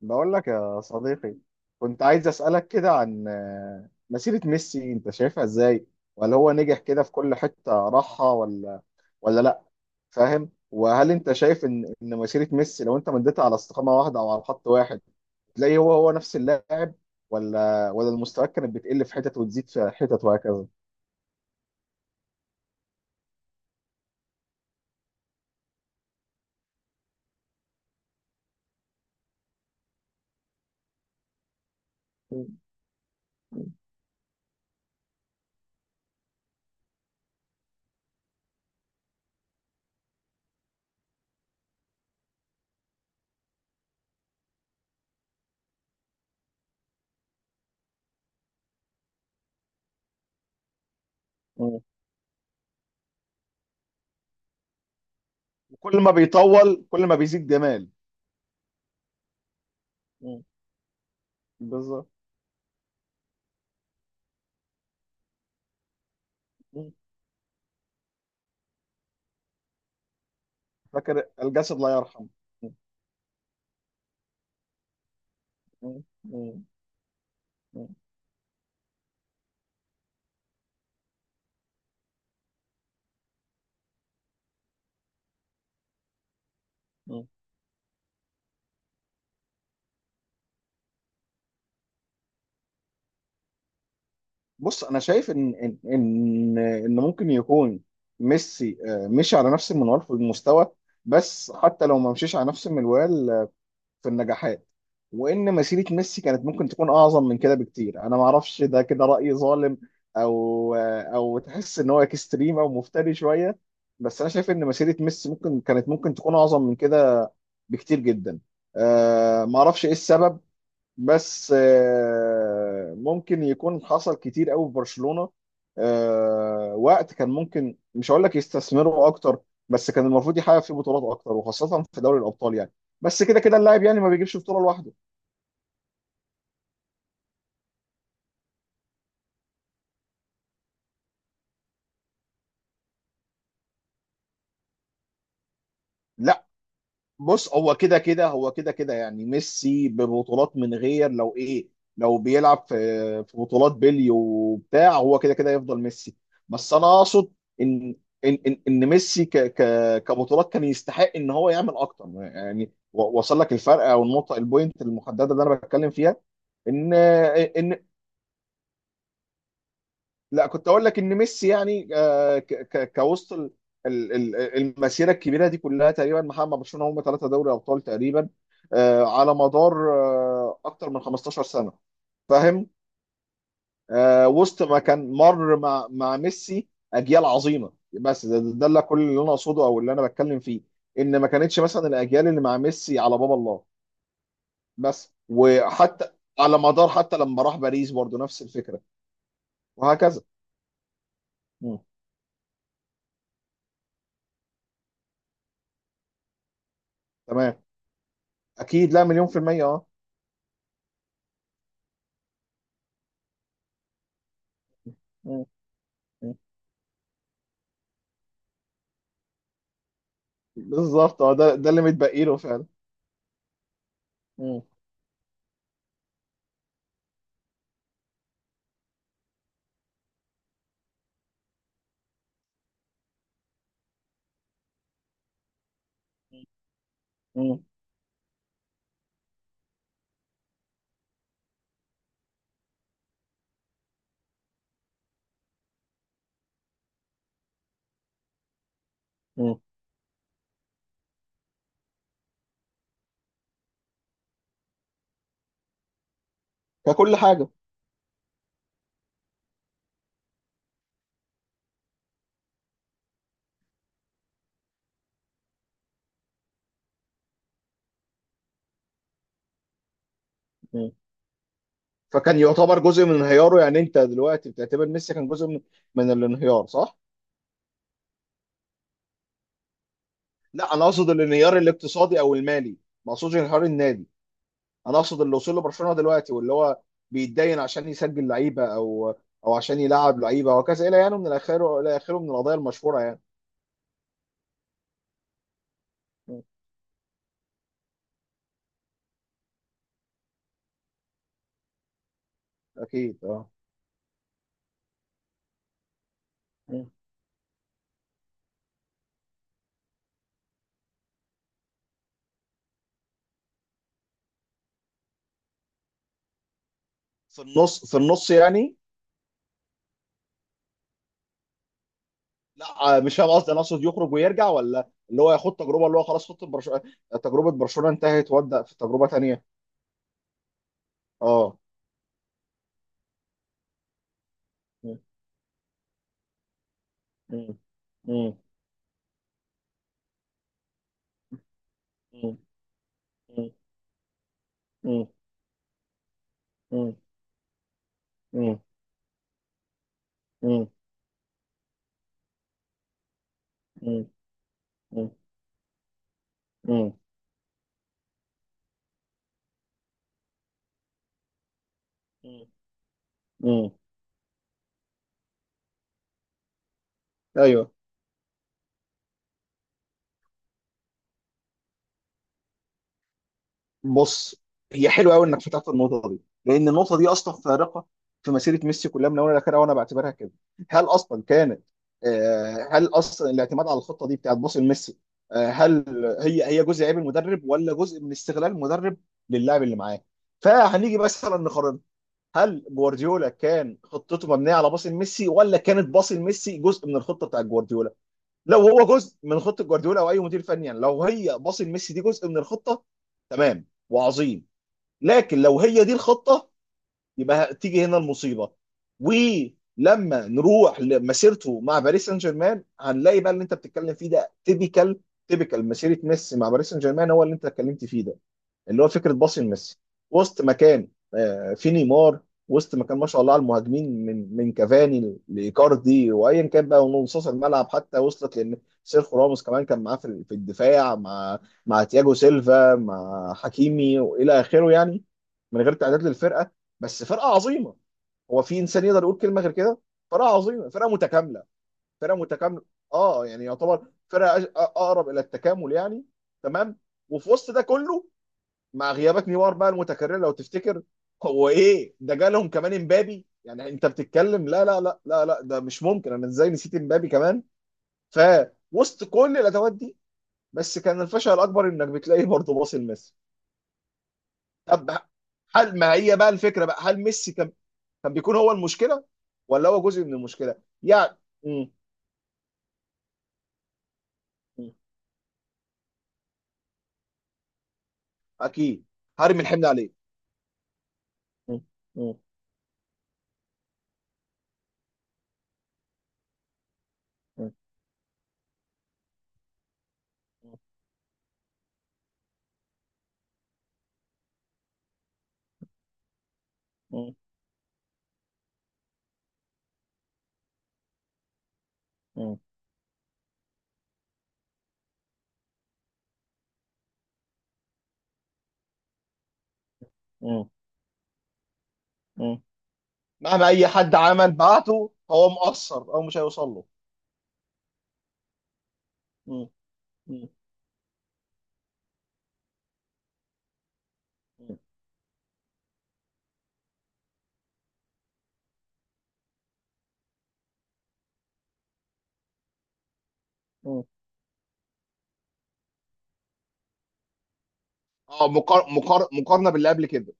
بقول لك يا صديقي. كنت عايز أسألك كده عن مسيرة ميسي انت شايفها ازاي؟ ولا هو نجح كده في كل حتة راحها؟ ولا لا. فاهم؟ وهل انت شايف ان مسيرة ميسي لو انت مديتها على استقامة واحدة او على خط واحد، تلاقي هو نفس اللاعب؟ ولا المستوى كانت بتقل في حتت وتزيد في حتت وهكذا؟ مم. مم. وكل ما بيطول كل ما بيزيد جمال. مم. بالظبط. مم. فاكر الجسد لا يرحم. مم. مم. مم. بص، انا شايف ان ممكن يكون ميسي مشي على نفس المنوال في المستوى، بس حتى لو ما مشيش على نفس المنوال، في النجاحات. وان مسيره ميسي كانت ممكن تكون اعظم من كده بكتير. انا ما اعرفش ده كده راي ظالم، او تحس ان هو اكستريم او مفتري شويه. بس انا شايف ان مسيره ميسي ممكن تكون اعظم من كده بكتير جدا. ما اعرفش ايه السبب. بس ممكن يكون حصل كتير قوي في برشلونة، وقت كان ممكن، مش هقول لك يستثمروا اكتر، بس كان المفروض يحقق فيه بطولات اكتر، وخاصة في دوري الابطال يعني. بس كده كده اللاعب يعني ما بيجيبش بطولة لوحده. لا، بص، هو كده كده يعني ميسي ببطولات من غير لو ايه. لو بيلعب في بطولات بيلي وبتاع، هو كده كده يفضل ميسي. بس انا اقصد ان ان ميسي ك ك كبطولات كان يستحق ان هو يعمل اكتر يعني. وصل لك الفرق او النقطه، البوينت المحدده اللي انا بتكلم فيها؟ ان ان لا، كنت اقول لك ان ميسي يعني كوسط ال- ال- المسيره الكبيره دي كلها، تقريبا محقق مع برشلونه هم ثلاثه دوري ابطال تقريبا. على مدار اكتر من 15 سنه. فاهم؟ وسط ما كان مر مع ميسي اجيال عظيمه. بس ده اللي، كل اللي انا اقصده او اللي انا بتكلم فيه، ان ما كانتش مثلا الاجيال اللي مع ميسي على باب الله. بس وحتى على مدار، حتى لما راح باريس برضه نفس الفكره، وهكذا. مم. تمام. اكيد، لا، مليون في الميه، اه. مم. مم. بالظبط، اه، ده اللي متبقي له فعلا. مم. مم. مم. ككل حاجه. مم. فكان يعتبر جزء من انهياره يعني؟ انت دلوقتي بتعتبر ميسي كان جزء من الانهيار صح؟ لا، انا اقصد الانهيار الاقتصادي او المالي. ما اقصدش انهيار النادي. انا اقصد اللي وصل لبرشلونه دلوقتي، واللي هو بيتدين عشان يسجل لعيبه، او عشان يلعب لعيبه وكذا الى، يعني من الاخر الى اخره من القضايا المشهوره يعني. مم. اكيد، اه. مم. في النص في النص يعني. لا، مش فاهم قصدي. انا اقصد يخرج ويرجع، ولا اللي هو ياخد تجربه اللي هو خلاص، خط برشلونه، تجربه برشلونه انتهت وابدا في تجربه تانيه. اه. م- م- م- م- م- م- م- م- م- م- م- م- م- م- ايوه. بص، هي حلوه قوي انك فتحت النقطه دي، لان النقطه دي اصلا فارقه في مسيره ميسي كلها من اولها لاخرها، وانا بعتبرها كده. هل اصلا كانت هل اصلا الاعتماد على الخطه دي بتاعت باص لميسي، هل هي جزء عيب المدرب ولا جزء من استغلال المدرب للاعب اللي معاه؟ فهنيجي مثلا نقارن، هل جوارديولا كان خطته مبنيه على باص لميسي، ولا كانت باص لميسي جزء من الخطه بتاعت جوارديولا؟ لو هو جزء من خطه جوارديولا او اي مدير فني يعني، لو هي باص لميسي دي جزء من الخطه، تمام وعظيم. لكن لو هي دي الخطه، يبقى تيجي هنا المصيبه. ولما نروح لمسيرته مع باريس سان جيرمان، هنلاقي بقى اللي انت بتتكلم فيه ده تيبيكال. تيبيكال مسيره ميسي مع باريس سان جيرمان هو اللي انت اتكلمت فيه ده، اللي هو فكره باص لميسي. وسط مكان، في نيمار، وسط مكان ما شاء الله على المهاجمين، من كافاني لايكاردي وايا كان بقى، ونصوص الملعب حتى وصلت لان سيرخو راموس كمان كان معاه في الدفاع، مع تياجو سيلفا، مع حكيمي والى اخره يعني، من غير تعداد للفرقه. بس فرقه عظيمه. هو في انسان يقدر يقول كلمه غير كده؟ فرقه عظيمه، فرقه متكامله، فرقه متكامله، اه. يعني يعتبر فرقه اقرب الى التكامل يعني. تمام. وفي وسط ده كله، مع غيابات نيمار بقى المتكرر لو تفتكر، هو ايه ده، جالهم كمان امبابي. يعني انت بتتكلم، لا لا لا لا لا، ده مش ممكن. انا ازاي نسيت امبابي كمان! فوسط كل الادوات دي، بس كان الفشل الاكبر انك بتلاقيه برضه باصي لميسي. طب، هل ما هي بقى الفكره بقى، هل ميسي كان بيكون هو المشكله، ولا هو جزء من المشكله يعني؟ مم. مم. اكيد، هرمي الحمل عليه. مم. مم. مم. مم. مم. مم. مهما اي حد عمل بعته، هو مقصر او مش هيوصل له. مم. مم. مم. مم. اه، مقارنه باللي قبل كده.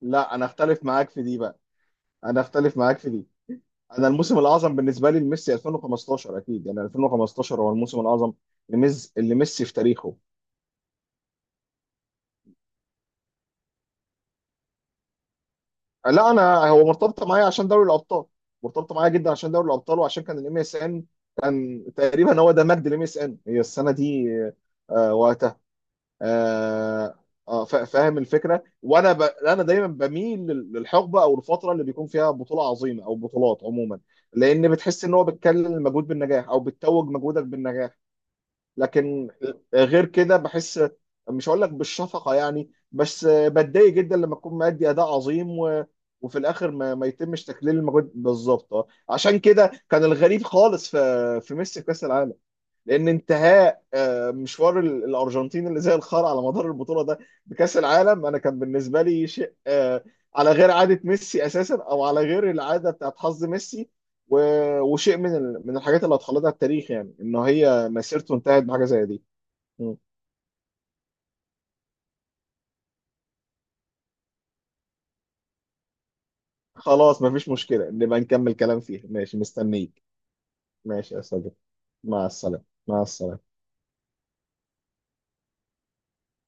لا، انا اختلف معاك في دي بقى. انا اختلف معاك في دي. انا الموسم الاعظم بالنسبه لي لميسي 2015 اكيد. يعني 2015 هو الموسم الاعظم لميسي في تاريخه. لا، انا هو مرتبطه معايا عشان دوري الابطال، مرتبطه معايا جدا عشان دوري الابطال، وعشان كان الام اس ان. كان تقريبا هو ده مجد الام اس ان هي السنه دي. وقت. آه فاهم الفكره. انا دايما بميل للحقبه او الفتره اللي بيكون فيها بطوله عظيمه او بطولات عموما، لان بتحس ان هو بتكلل المجهود بالنجاح او بتتوج مجهودك بالنجاح. لكن غير كده بحس، مش هقول لك بالشفقه يعني، بس بتضايق جدا لما تكون مادي اداء عظيم وفي الاخر ما يتمش تكليل المجهود بالظبط. عشان كده كان الغريب خالص في ميسي في كاس العالم، لان انتهاء مشوار الارجنتين اللي زي الخرا على مدار البطوله ده بكاس العالم، انا كان بالنسبه لي شيء، على غير عاده ميسي اساسا، او على غير العاده بتاعت حظ ميسي. وشيء من الحاجات اللي هتخلدها التاريخ، يعني ان هي مسيرته انتهت بحاجه زي دي. م. خلاص، مفيش مشكله، نبقى نكمل كلام فيها. ماشي، مستنيك. ماشي يا صديقي، مع السلامه، مع السلامه.